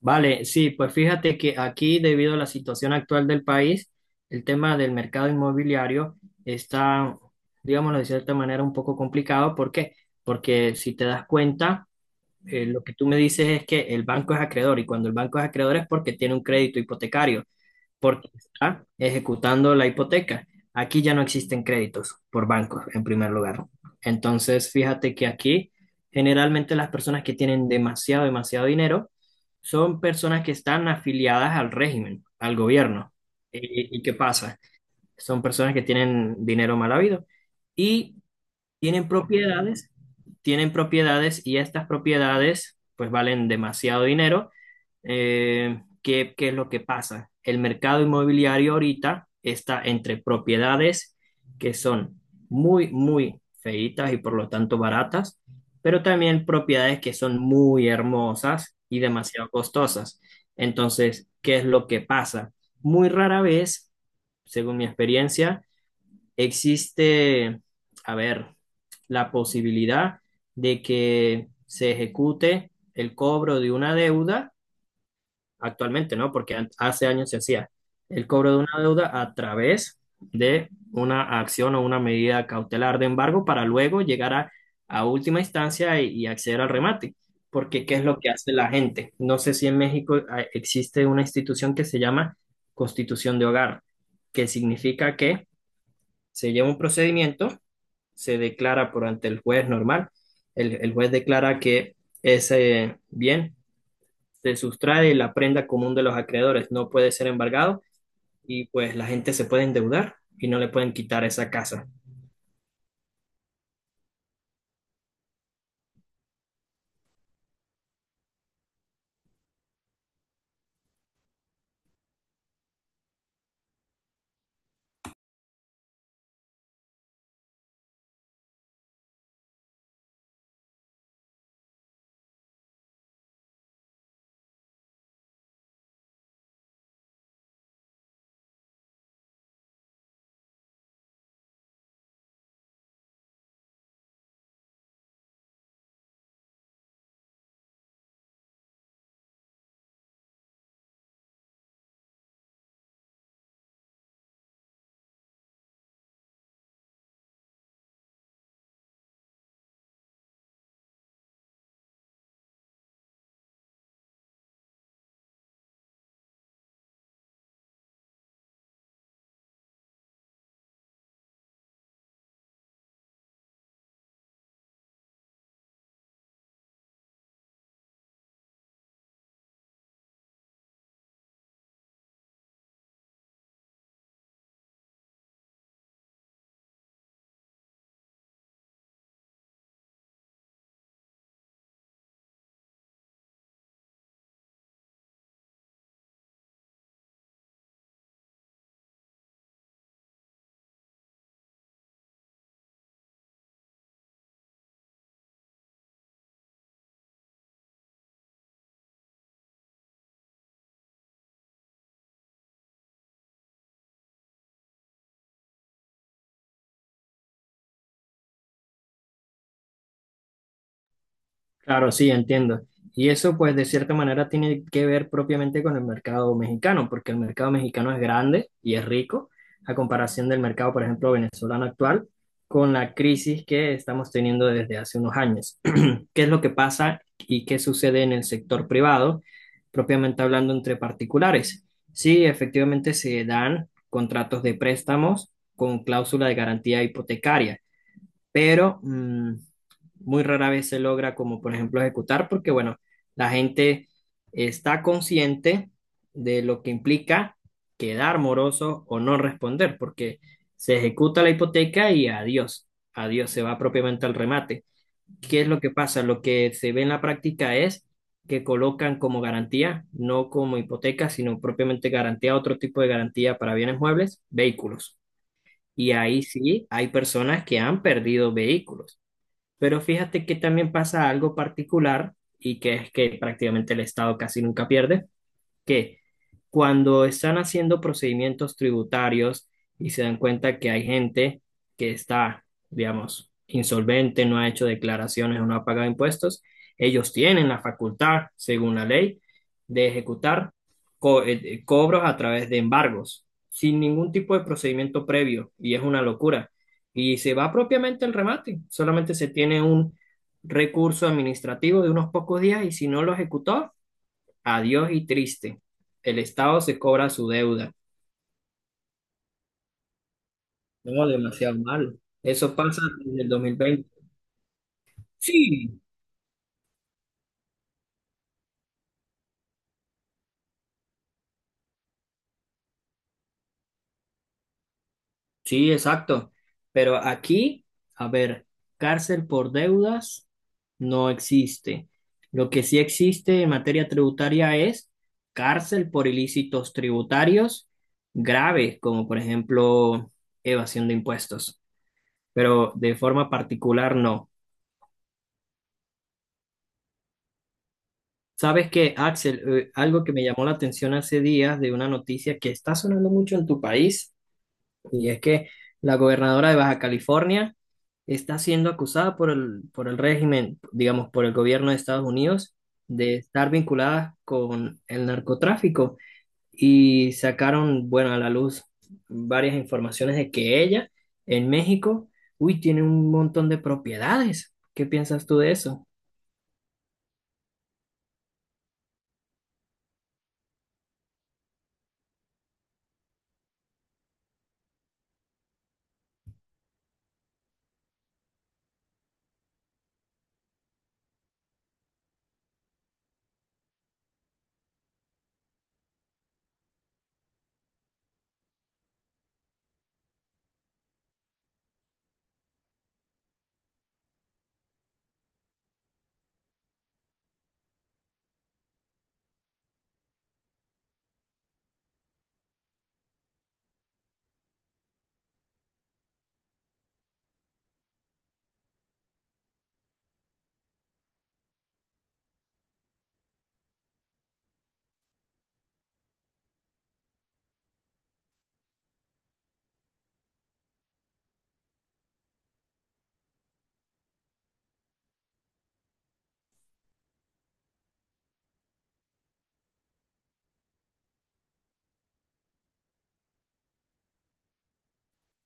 Vale, sí, pues fíjate que aquí, debido a la situación actual del país, el tema del mercado inmobiliario está, digámoslo de cierta manera, un poco complicado. ¿Por qué? Porque si te das cuenta, lo que tú me dices es que el banco es acreedor y cuando el banco es acreedor es porque tiene un crédito hipotecario porque está ejecutando la hipoteca. Aquí ya no existen créditos por bancos, en primer lugar, ¿no? Entonces, fíjate que aquí generalmente las personas que tienen demasiado, demasiado dinero son personas que están afiliadas al régimen, al gobierno. ¿Y qué pasa? Son personas que tienen dinero mal habido. Y tienen propiedades, tienen propiedades y estas propiedades pues valen demasiado dinero. ¿Qué, qué es lo que pasa? El mercado inmobiliario ahorita está entre propiedades que son muy, muy feitas y por lo tanto baratas, pero también propiedades que son muy hermosas y demasiado costosas. Entonces, ¿qué es lo que pasa? Muy rara vez, según mi experiencia, existe, a ver, la posibilidad de que se ejecute el cobro de una deuda, actualmente no, porque hace años se hacía el cobro de una deuda a través de una acción o una medida cautelar de embargo para luego llegar a última instancia y acceder al remate. Porque, ¿qué es lo que hace la gente? No sé si en México existe una institución que se llama Constitución de Hogar, que significa que se lleva un procedimiento, se declara por ante el juez normal. El juez declara que ese bien se sustrae la prenda común de los acreedores, no puede ser embargado y pues la gente se puede endeudar y no le pueden quitar esa casa. Claro, sí, entiendo. Y eso pues de cierta manera tiene que ver propiamente con el mercado mexicano, porque el mercado mexicano es grande y es rico a comparación del mercado, por ejemplo, venezolano actual, con la crisis que estamos teniendo desde hace unos años. ¿Qué es lo que pasa y qué sucede en el sector privado, propiamente hablando entre particulares? Sí, efectivamente se dan contratos de préstamos con cláusula de garantía hipotecaria, pero muy rara vez se logra, como por ejemplo, ejecutar, porque bueno, la gente está consciente de lo que implica quedar moroso o no responder, porque se ejecuta la hipoteca y adiós, adiós, se va propiamente al remate. ¿Qué es lo que pasa? Lo que se ve en la práctica es que colocan como garantía, no como hipoteca, sino propiamente garantía, otro tipo de garantía para bienes muebles, vehículos. Y ahí sí hay personas que han perdido vehículos. Pero fíjate que también pasa algo particular, y que es que prácticamente el Estado casi nunca pierde, que cuando están haciendo procedimientos tributarios y se dan cuenta que hay gente que está, digamos, insolvente, no ha hecho declaraciones o no ha pagado impuestos, ellos tienen la facultad, según la ley, de ejecutar cobros a través de embargos, sin ningún tipo de procedimiento previo, y es una locura. Y se va propiamente el remate, solamente se tiene un recurso administrativo de unos pocos días y si no lo ejecutó, adiós y triste. El Estado se cobra su deuda. No, demasiado malo. Eso pasa desde el 2020. Sí, sí, exacto. Pero aquí, a ver, cárcel por deudas no existe. Lo que sí existe en materia tributaria es cárcel por ilícitos tributarios graves, como por ejemplo evasión de impuestos. Pero de forma particular no. Sabes que, Axel, algo que me llamó la atención hace días de una noticia que está sonando mucho en tu país, y es que la gobernadora de Baja California está siendo acusada por el régimen, digamos, por el gobierno de Estados Unidos, de estar vinculada con el narcotráfico. Y sacaron, bueno, a la luz varias informaciones de que ella, en México, uy, tiene un montón de propiedades. ¿Qué piensas tú de eso?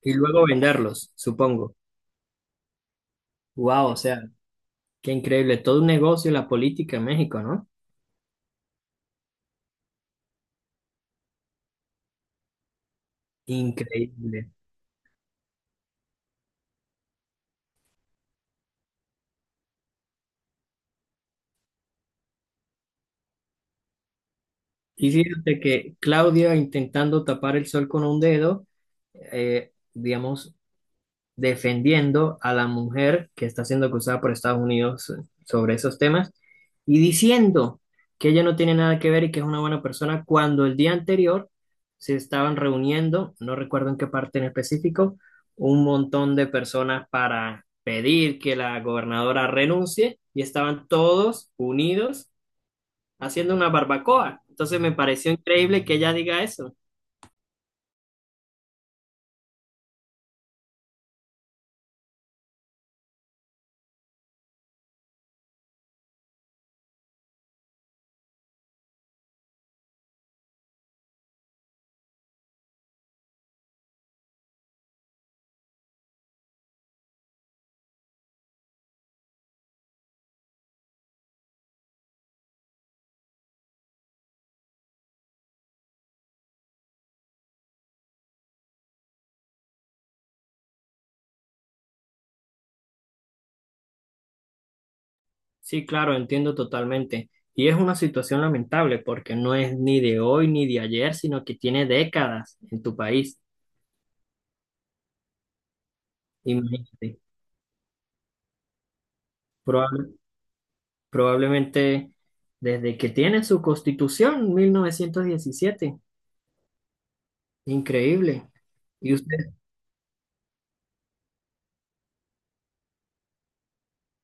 Y luego venderlos, supongo. Wow, o sea. Qué increíble, todo un negocio la política en México, ¿no? Increíble. Y fíjate que Claudia intentando tapar el sol con un dedo, digamos, defendiendo a la mujer que está siendo acusada por Estados Unidos sobre esos temas y diciendo que ella no tiene nada que ver y que es una buena persona cuando el día anterior se estaban reuniendo, no recuerdo en qué parte en específico, un montón de personas para pedir que la gobernadora renuncie y estaban todos unidos haciendo una barbacoa. Entonces me pareció increíble que ella diga eso. Sí, claro, entiendo totalmente. Y es una situación lamentable porque no es ni de hoy ni de ayer, sino que tiene décadas en tu país. Imagínate, probable- probablemente desde que tiene su constitución, 1917. Increíble. Y usted,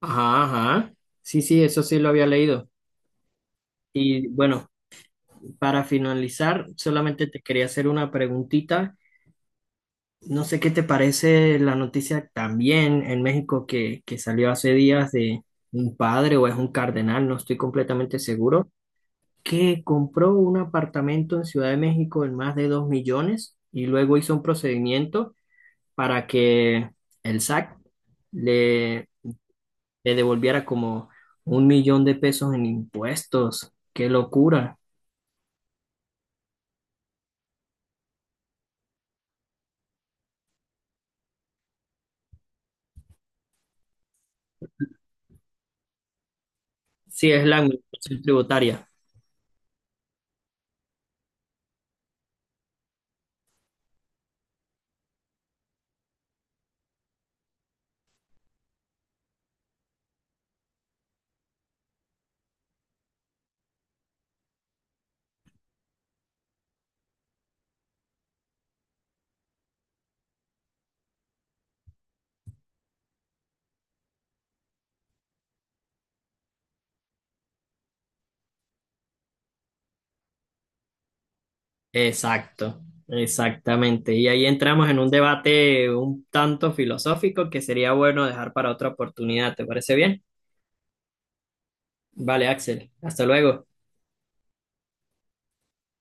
ajá, ajá. Sí, sí, eso sí lo había leído. Y bueno, para finalizar, solamente te quería hacer una preguntita. No sé qué te parece la noticia también en México, que salió hace días, de un padre o es un cardenal, no estoy completamente seguro, que compró un apartamento en Ciudad de México en más de 2 millones y luego hizo un procedimiento para que el SAC le, le devolviera como 1 millón de pesos en impuestos. ¡Qué locura! Sí, es la administración tributaria. Exacto, exactamente. Y ahí entramos en un debate un tanto filosófico que sería bueno dejar para otra oportunidad. ¿Te parece bien? Vale, Axel. Hasta luego.